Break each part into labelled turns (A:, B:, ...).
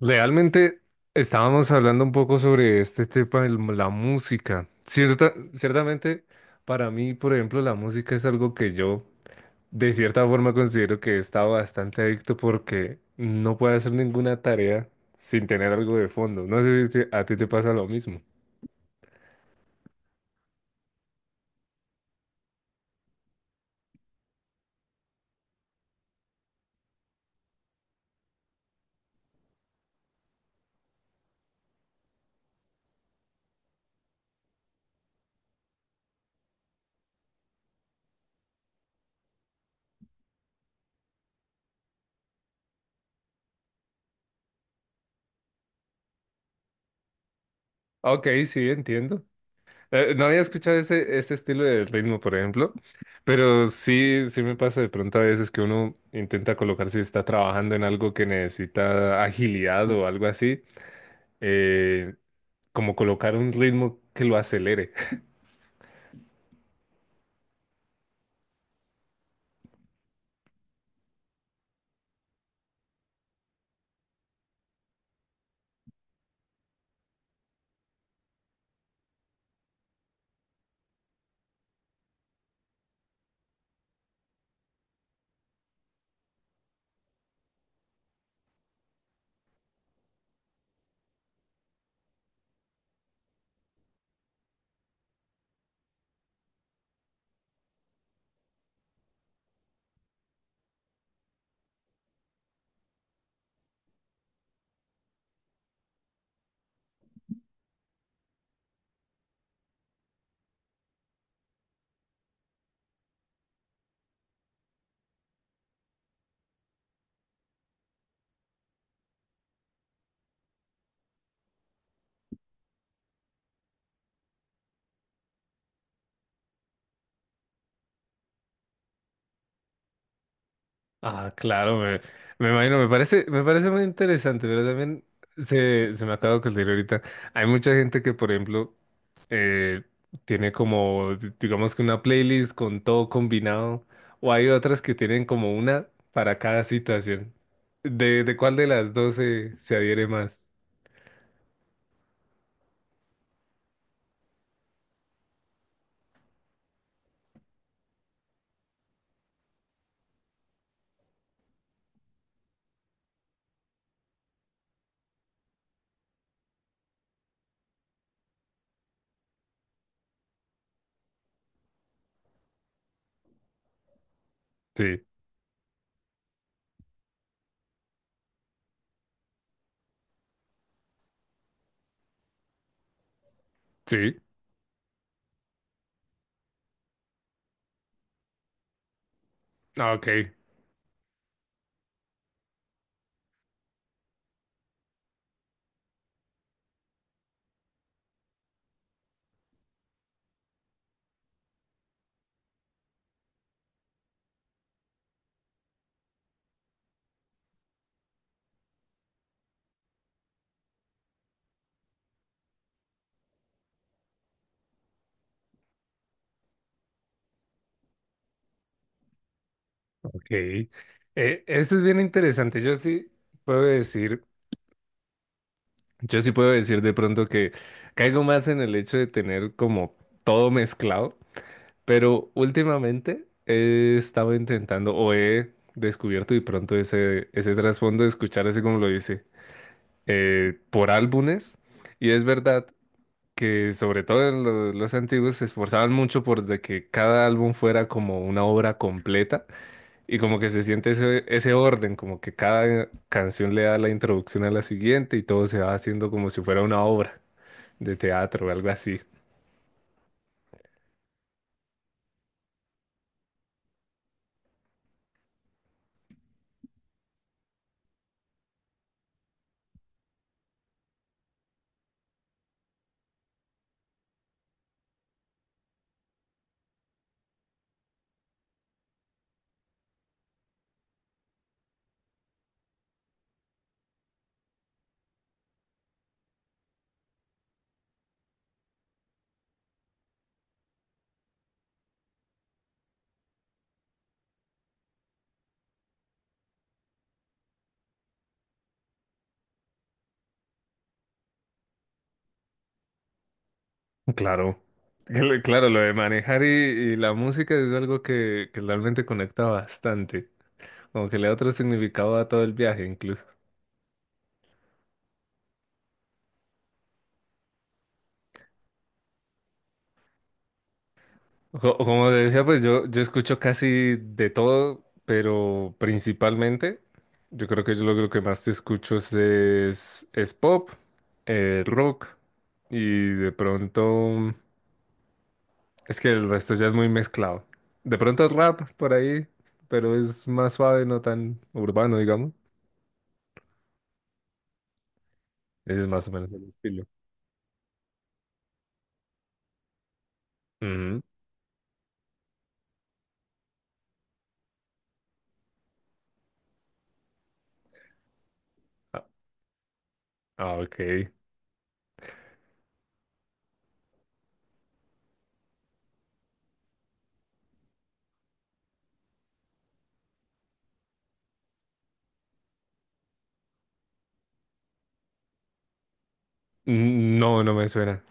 A: Realmente estábamos hablando un poco sobre este tema de la música. Ciertamente, para mí, por ejemplo, la música es algo que yo de cierta forma considero que he estado bastante adicto porque no puedo hacer ninguna tarea sin tener algo de fondo. No sé si a ti te pasa lo mismo. Ok, sí, entiendo. No había escuchado ese estilo de ritmo, por ejemplo, pero sí me pasa de pronto a veces que uno intenta colocar si está trabajando en algo que necesita agilidad o algo así, eh, como colocar un ritmo que lo acelere. Ah, claro, me imagino, me parece muy interesante, pero también se me acaba de ocurrir ahorita. Hay mucha gente que, por ejemplo, eh, tiene como, digamos que una playlist con todo combinado, o hay otras que tienen como una para cada situación. De cuál de las dos se adhiere más? Sí, sí, ah, ok, ok. Eso es bien interesante. Yo sí puedo decir. Yo sí puedo decir de pronto que caigo más en el hecho de tener como todo mezclado, pero últimamente he estado intentando o he descubierto de pronto ese trasfondo de escuchar así como lo dice, por álbumes. Y es verdad que sobre todo en los antiguos se esforzaban mucho por de que cada álbum fuera como una obra completa y como que se siente ese orden, como que cada canción le da la introducción a la siguiente y todo se va haciendo como si fuera una obra de teatro o algo así. Claro. Claro, lo de manejar y la música es algo que realmente conecta bastante, como que le da otro significado a todo el viaje incluso. Como te decía, pues yo escucho casi de todo, pero principalmente, yo creo que yo lo que más escucho es pop, rock y de pronto... Es que el resto ya es muy mezclado. De pronto rap por ahí, pero es más suave, no tan urbano, digamos. Ese es más o menos el estilo. Ujú. Ah, ah, ok. Mm, no, no me suena.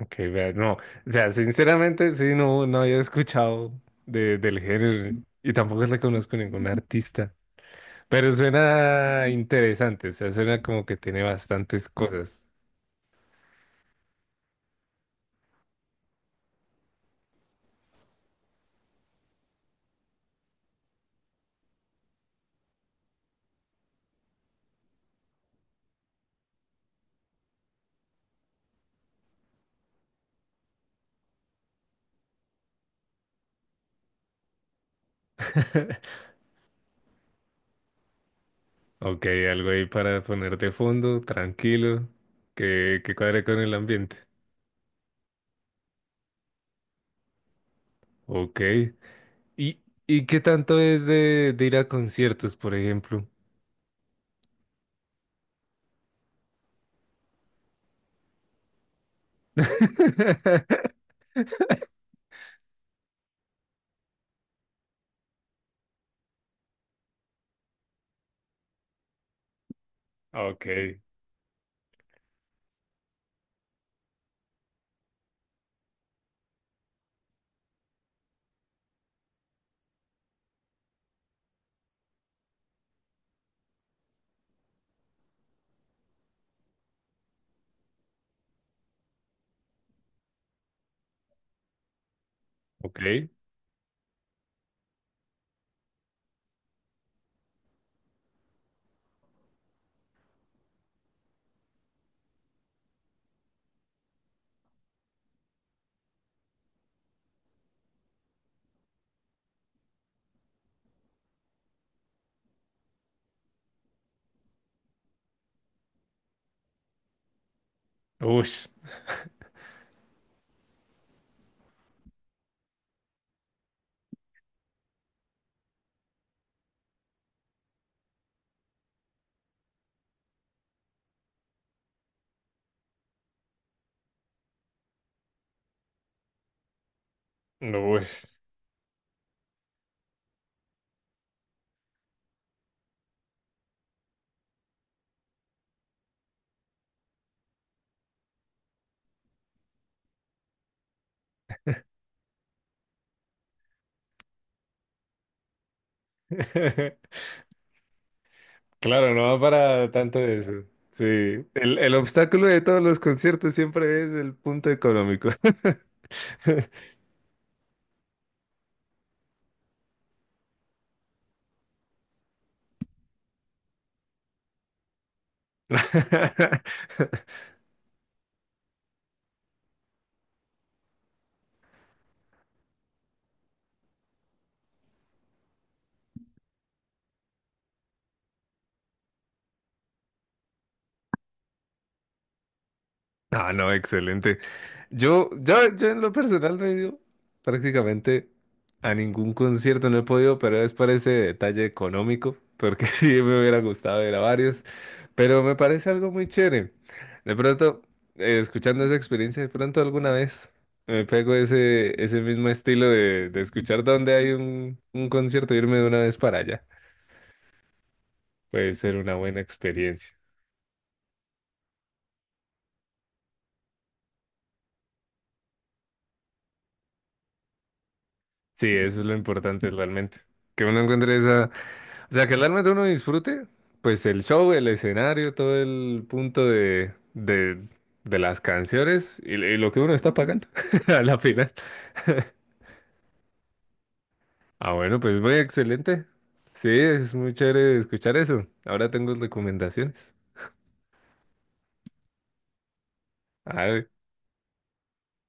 A: Ok, vea, no. O sea, sinceramente, sí, no, no había escuchado del género y tampoco le conozco ningún artista. Pero suena interesante, o sea, suena como que tiene bastantes cosas. Ok, algo ahí para ponerte de fondo, tranquilo, que cuadre con el ambiente. Ok. ¿Y, y qué tanto es de ir a conciertos, por ejemplo? Ok, ok. Ush, no, ush. Claro, no va para tanto eso. Sí, el obstáculo de todos los conciertos siempre es el punto económico. Ah, no, excelente. Yo en lo personal no he ido prácticamente a ningún concierto, no he podido, pero es por ese detalle económico, porque sí me hubiera gustado ir a varios, pero me parece algo muy chévere. De pronto, escuchando esa experiencia, de pronto alguna vez me pego ese mismo estilo de escuchar donde hay un concierto, e irme de una vez para allá. Puede ser una buena experiencia. Sí, eso es lo importante realmente, que uno encuentre esa. O sea, que realmente uno disfrute, pues el show, el escenario, todo el punto de las canciones y lo que uno está pagando a la final. Ah, bueno, pues muy excelente. Sí, es muy chévere escuchar eso. Ahora tengo recomendaciones. Ah,